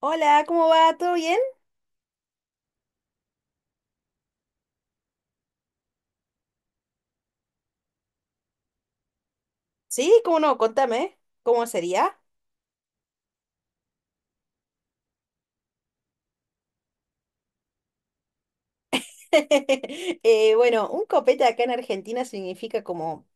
Hola, ¿cómo va? ¿Todo bien? Sí, ¿cómo no? Contame, ¿cómo sería? Bueno, un copete acá en Argentina significa como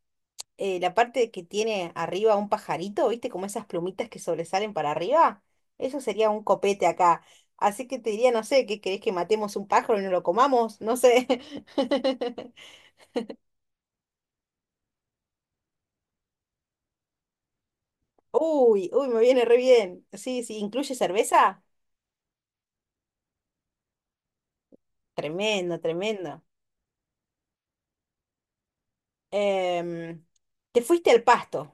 la parte que tiene arriba un pajarito, ¿viste? Como esas plumitas que sobresalen para arriba. Eso sería un copete acá. Así que te diría, no sé, ¿qué querés que matemos un pájaro y no lo comamos? No sé. Uy, uy, me viene re bien. Sí, sí, ¿incluye cerveza? Tremendo, tremendo. Em, Te fuiste al pasto.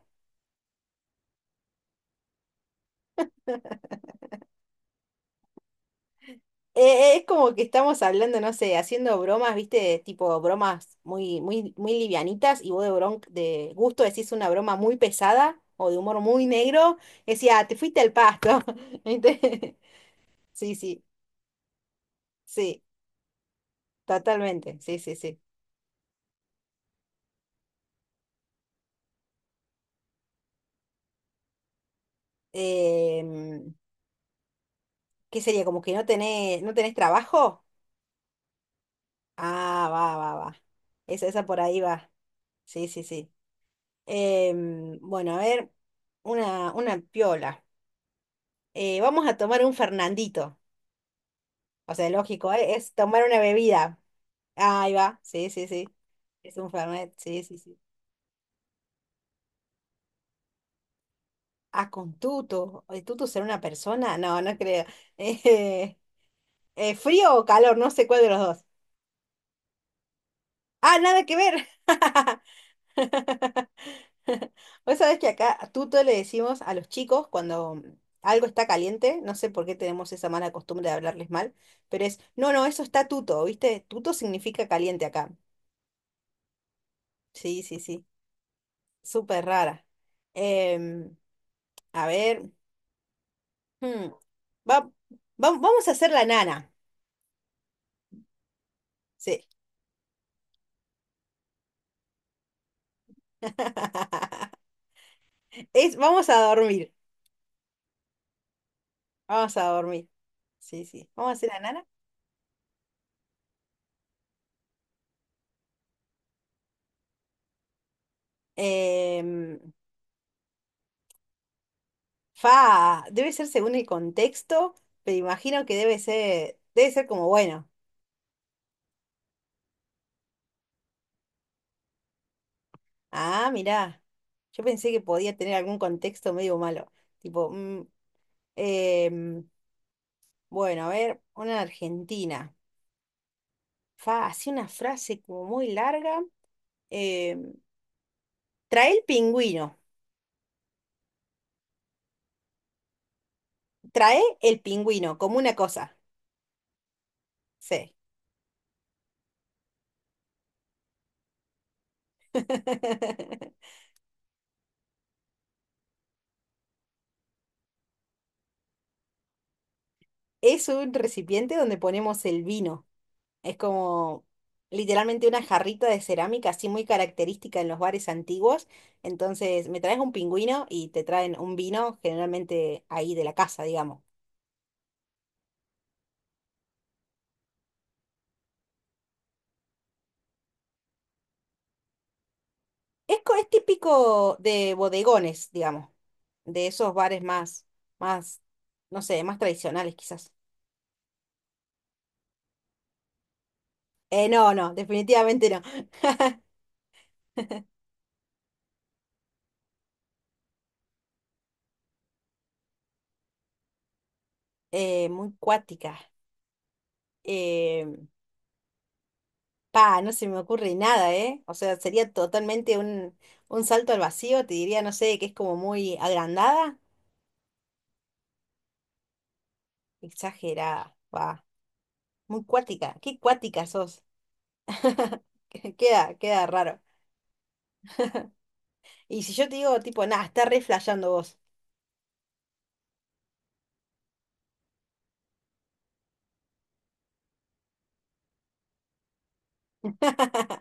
Es como que estamos hablando, no sé, haciendo bromas, viste, tipo bromas muy, muy, muy livianitas y vos de, de gusto decís una broma muy pesada o de humor muy negro, decía, "Ah, te fuiste al pasto. ¿Viste? Sí, sí, sí, totalmente, sí, sí, sí. Em, ¿Qué sería? ¿Como que no tenés, no tenés trabajo? Ah, va, va, va. Esa por ahí va. Sí, sí, sí. Bueno, a ver, una piola. Vamos a tomar un Fernandito. O sea, lógico, ¿eh? Es tomar una bebida. Ah, ahí va, sí, sí, sí. Es un fernet, sí, sí, sí. Ah, con tuto. ¿El tuto será una persona? No, no creo. Eh, ¿Frío o calor? No sé cuál de los dos. Ah, nada que ver. Vos sabés que acá tuto le decimos a los chicos cuando algo está caliente, no sé por qué tenemos esa mala costumbre de hablarles mal, pero es, no, no, eso está tuto, ¿viste? Tuto significa caliente acá. Sí, sí, sí. Súper rara. Em, A ver. hmm, va- Vamos a hacer la nana. Sí. Es, vamos a dormir. Vamos a dormir. Sí, sí. Vamos a hacer la nana. Em, Fa, debe ser según el contexto, pero imagino que debe ser como bueno. Ah, mirá. Yo pensé que podía tener algún contexto medio malo. Tipo, em, bueno, a ver, una argentina. Fa, así una frase como muy larga. em, Trae el pingüino. Trae el pingüino, como una cosa. Sí. Es un recipiente donde ponemos el vino. Es como literalmente una jarrita de cerámica, así muy característica en los bares antiguos. Entonces, me traes un pingüino y te traen un vino, generalmente ahí de la casa, digamos. Es, es típico de bodegones, digamos, de esos bares más, más, no sé, más tradicionales quizás. No, no, definitivamente no. Muy cuática. Eh, Pa, no se me ocurre nada, ¿eh? O sea, sería totalmente un salto al vacío, te diría, no sé, que es como muy agrandada, exagerada, pa, muy cuática, qué cuática sos, queda, queda raro. Y si yo te digo, tipo, nada, estás re flasheando vos.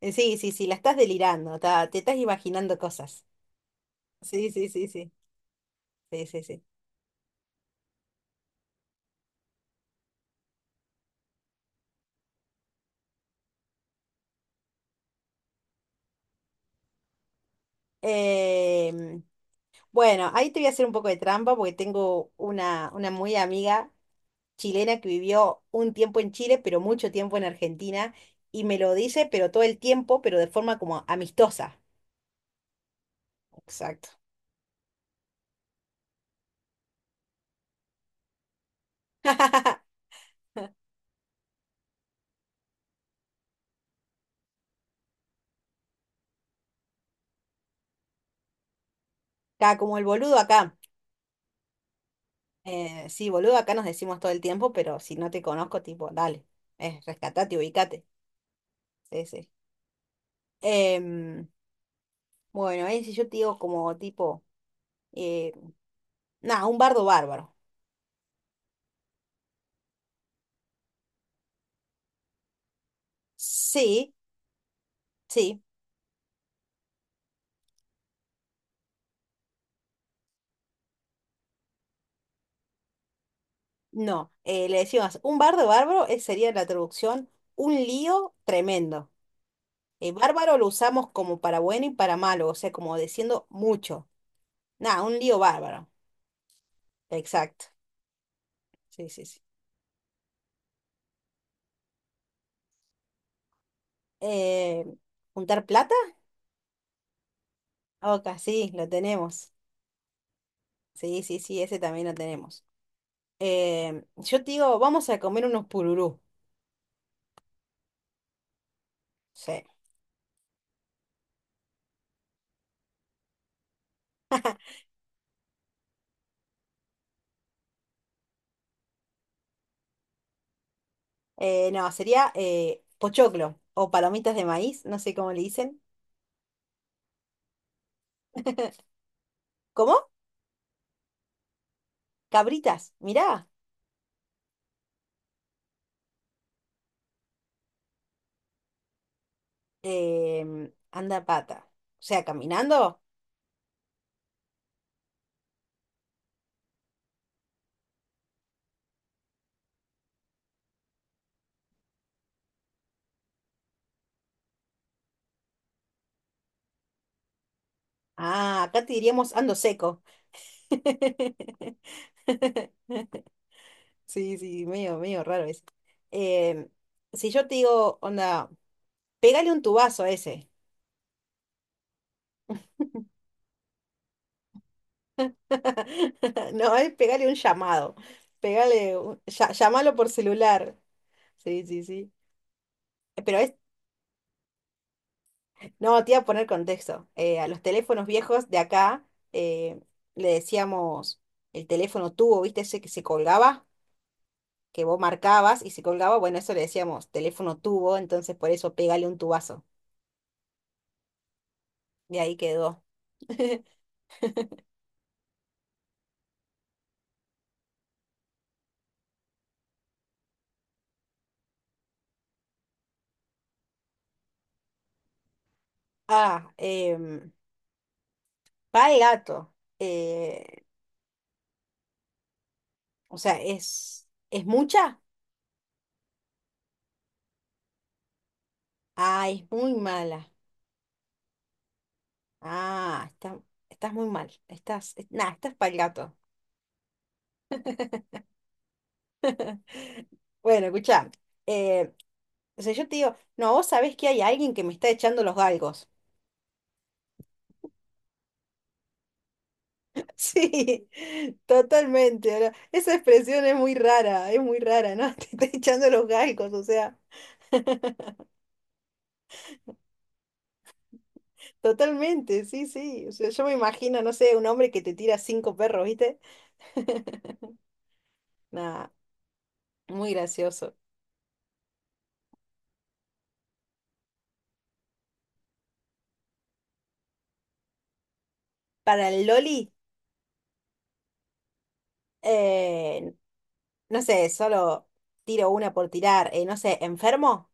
Sí, sí, sí, la estás delirando, te estás imaginando cosas. Sí, sí, sí, sí, sí, sí, sí. Em, bueno, ahí te voy a hacer un poco de trampa porque tengo una muy amiga chilena que vivió un tiempo en Chile, pero mucho tiempo en Argentina, y me lo dice, pero todo el tiempo, pero de forma como amistosa. Exacto. Acá, como el boludo acá. Sí, boludo acá nos decimos todo el tiempo, pero si no te conozco, tipo, dale, rescatate, ubicate. Sí, sí. Em, bueno, ahí si yo te digo como tipo, eh, nada, un bardo bárbaro. Sí, sí, no. Le decimos, un bardo bárbaro sería la traducción, un lío tremendo. Bárbaro lo usamos como para bueno y para malo, o sea, como diciendo mucho. Nada, un lío bárbaro. Exacto. Sí, sí, sí. Eh, ¿Juntar plata? Oca, sí, lo tenemos. Sí, sí, sí, ese también lo tenemos. Yo te digo, vamos a comer unos pururú. Sí. No, sería pochoclo o palomitas de maíz, no sé cómo le dicen. ¿Cómo? Cabritas, mirá. Anda a pata. O sea, caminando. Ah, acá te diríamos ando seco. Sí, sí, medio, medio raro eso. Em, si yo te digo, onda, pégale un tubazo a ese. No, es pégale un llamado. Pégale, llámalo por celular. Sí, sí, sí. Pero es, no, te iba a poner contexto. A los teléfonos viejos de acá eh, le decíamos el teléfono tubo, ¿viste? Ese que se colgaba, que vos marcabas y se colgaba. Bueno, eso le decíamos teléfono tubo, entonces por eso pégale un tubazo. De ahí quedó. Ah, pa el gato. Eh, o sea, es mucha? Ah, es muy mala. Ah, está- Estás muy mal. Estás, nada, estás para el gato. Bueno, escuchá. eh, o sea, yo te digo, no, vos sabés que hay alguien que me está echando los galgos. Sí, totalmente. Ahora, esa expresión es muy rara, ¿no? Te está echando los galgos, o sea, totalmente, sí, sí. O sea, yo me imagino, no sé, un hombre que te tira cinco perros, ¿viste? Nah, muy gracioso. Para el Loli, eh, no sé, solo tiro una por tirar, no sé, enfermo,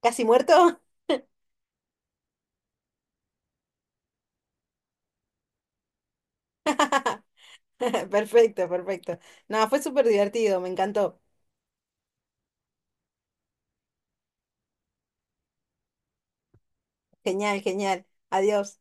casi muerto. Perfecto, perfecto. No, fue súper divertido, me encantó. Genial, genial. Adiós.